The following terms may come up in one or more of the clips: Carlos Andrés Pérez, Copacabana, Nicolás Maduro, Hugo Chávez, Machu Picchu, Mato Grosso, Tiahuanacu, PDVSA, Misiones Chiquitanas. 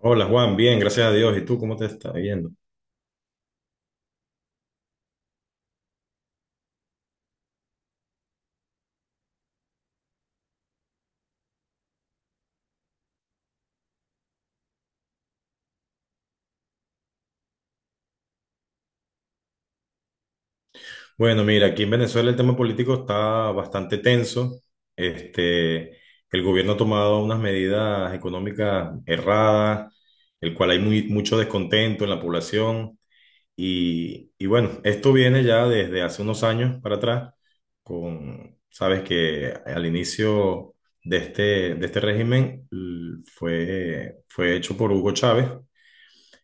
Hola Juan, bien, gracias a Dios. ¿Y tú cómo te está yendo? Bueno, mira, aquí en Venezuela el tema político está bastante tenso. Este, el gobierno ha tomado unas medidas económicas erradas, el cual hay mucho descontento en la población. Y bueno, esto viene ya desde hace unos años para atrás, con, sabes que al inicio de este, de este régimen fue hecho por Hugo Chávez,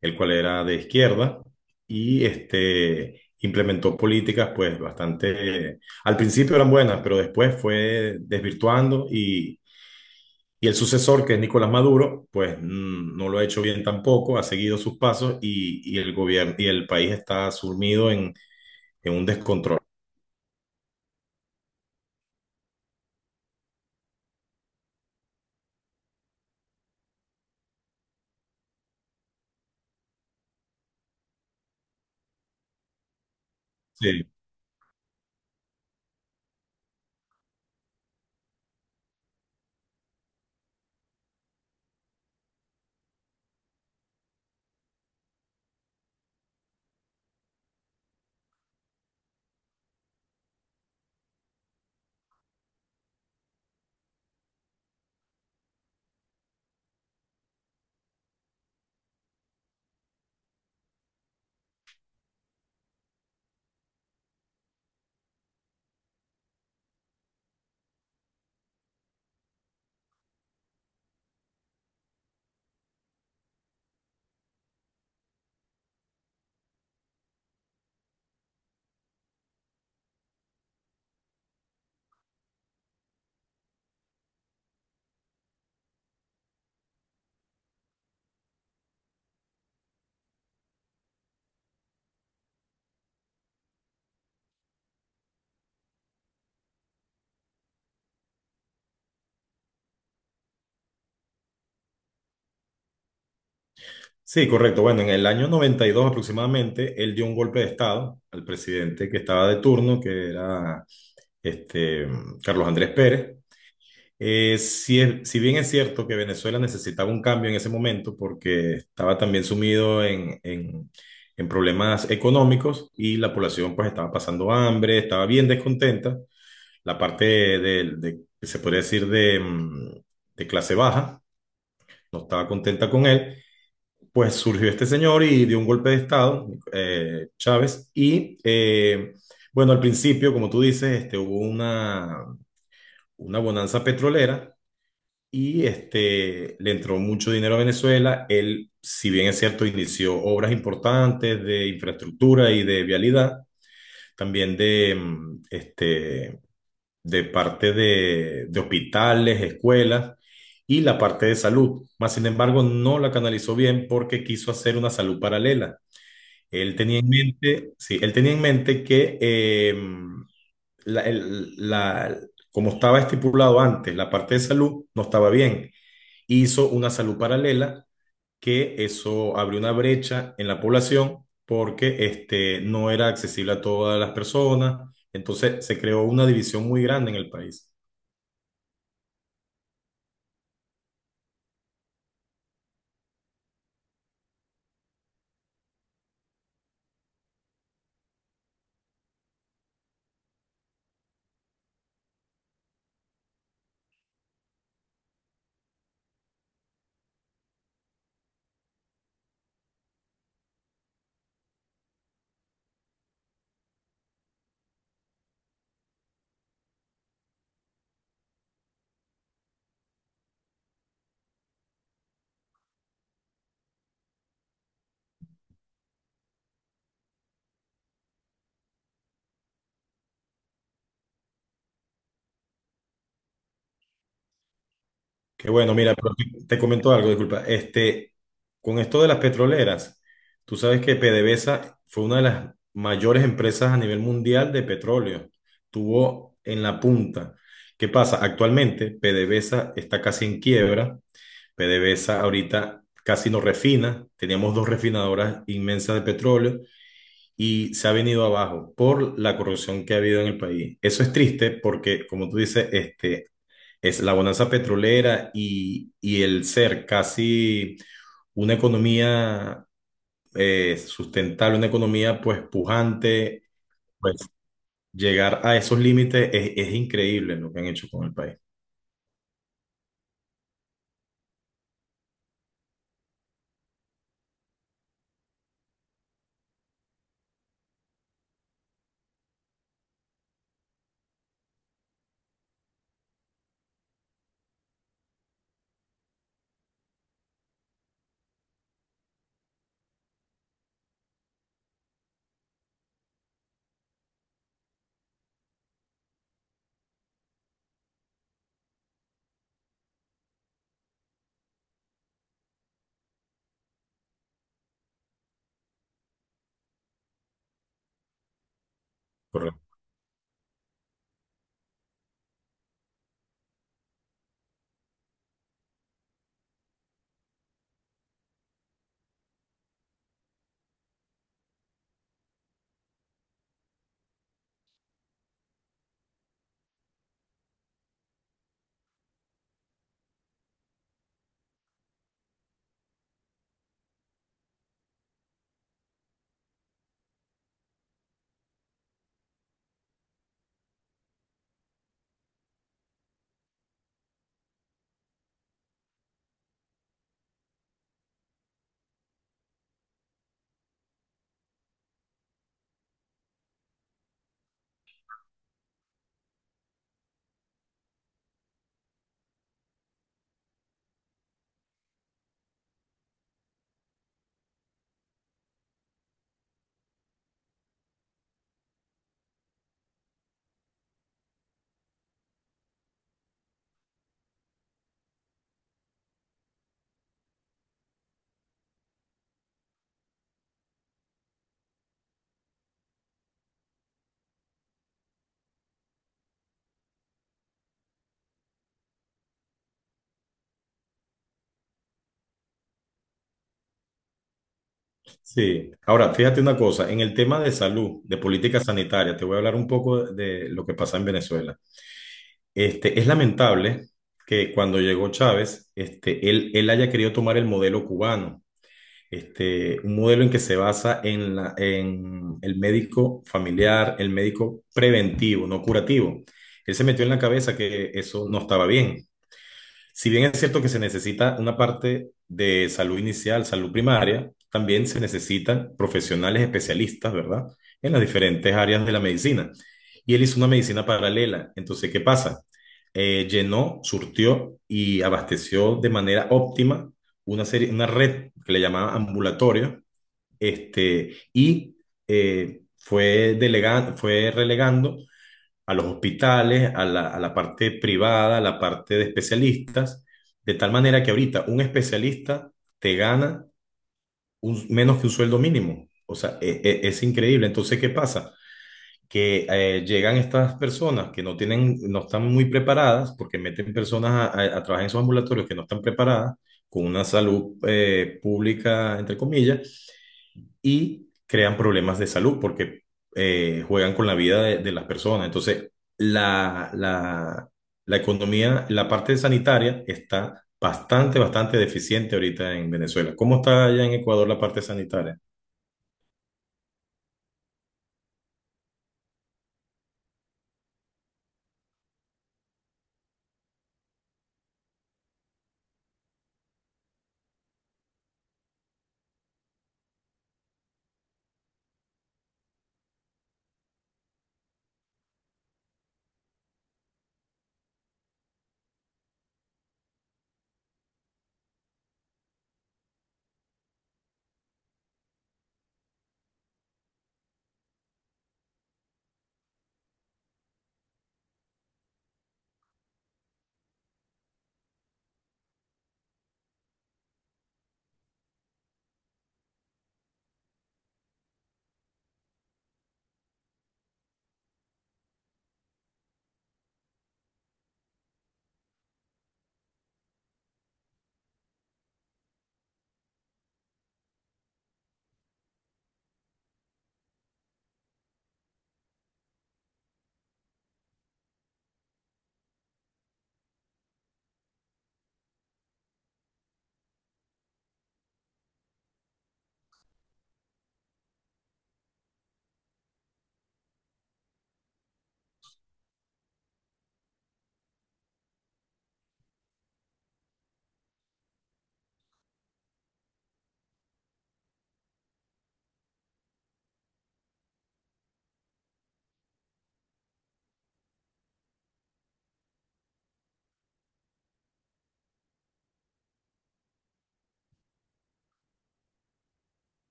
el cual era de izquierda. Y implementó políticas pues bastante, al principio eran buenas, pero después fue desvirtuando. Y el sucesor, que es Nicolás Maduro, pues no lo ha hecho bien tampoco, ha seguido sus pasos, y el gobierno y el país está sumido en un descontrol. Sí. Sí, correcto. Bueno, en el año 92 aproximadamente, él dio un golpe de Estado al presidente que estaba de turno, que era este, Carlos Andrés Pérez. Si, si bien es cierto que Venezuela necesitaba un cambio en ese momento, porque estaba también sumido en problemas económicos y la población pues estaba pasando hambre, estaba bien descontenta. La parte que se podría decir de, de clase baja no estaba contenta con él. Pues surgió este señor y dio un golpe de estado, Chávez, bueno, al principio, como tú dices, hubo una bonanza petrolera, y le entró mucho dinero a Venezuela. Él, si bien es cierto, inició obras importantes de infraestructura y de vialidad, también de parte de hospitales, escuelas y la parte de salud. Más sin embargo, no la canalizó bien porque quiso hacer una salud paralela. Él tenía en mente, sí, él tenía en mente que la- el- la- como estaba estipulado antes, la parte de salud no estaba bien. Hizo una salud paralela, que eso abrió una brecha en la población, porque no era accesible a todas las personas. Entonces se creó una división muy grande en el país. Que bueno, mira, pero te comento algo, disculpa. Con esto de las petroleras, tú sabes que PDVSA fue una de las mayores empresas a nivel mundial de petróleo. Tuvo en la punta. ¿Qué pasa? Actualmente PDVSA está casi en quiebra. PDVSA ahorita casi no refina, teníamos dos refinadoras inmensas de petróleo y se ha venido abajo por la corrupción que ha habido en el país. Eso es triste porque, como tú dices, es la bonanza petrolera, y el ser casi una economía sustentable, una economía pues pujante, pues llegar a esos límites es increíble lo que han hecho con el país. Correcto. Sí, ahora fíjate una cosa, en el tema de salud, de política sanitaria, te voy a hablar un poco de lo que pasa en Venezuela. Es lamentable que cuando llegó Chávez, él haya querido tomar el modelo cubano, un modelo en que se basa en en el médico familiar, el médico preventivo, no curativo. Él se metió en la cabeza que eso no estaba bien. Si bien es cierto que se necesita una parte de salud inicial, salud primaria, también se necesitan profesionales especialistas, ¿verdad? En las diferentes áreas de la medicina. Y él hizo una medicina paralela. Entonces, ¿qué pasa? Llenó, surtió y abasteció de manera óptima una red que le llamaba ambulatorio, y fue delegando, fue relegando a los hospitales, a la parte privada, a la parte de especialistas, de tal manera que ahorita un especialista te gana menos que un sueldo mínimo. O sea, es, increíble. Entonces, ¿qué pasa? Que llegan estas personas que no tienen, no están muy preparadas, porque meten personas a trabajar en esos ambulatorios que no están preparadas, con una salud pública, entre comillas, y crean problemas de salud porque juegan con la vida de las personas. Entonces, la, la, la economía, la parte sanitaria está bastante, bastante deficiente ahorita en Venezuela. ¿Cómo está allá en Ecuador la parte sanitaria?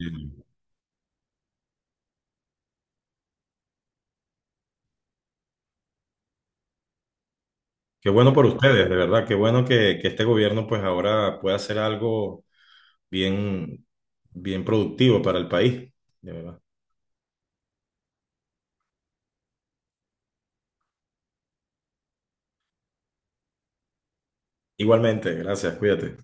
Mm. Qué bueno por ustedes, de verdad, qué bueno que este gobierno pues ahora pueda hacer algo bien, bien productivo para el país, de verdad. Igualmente, gracias, cuídate.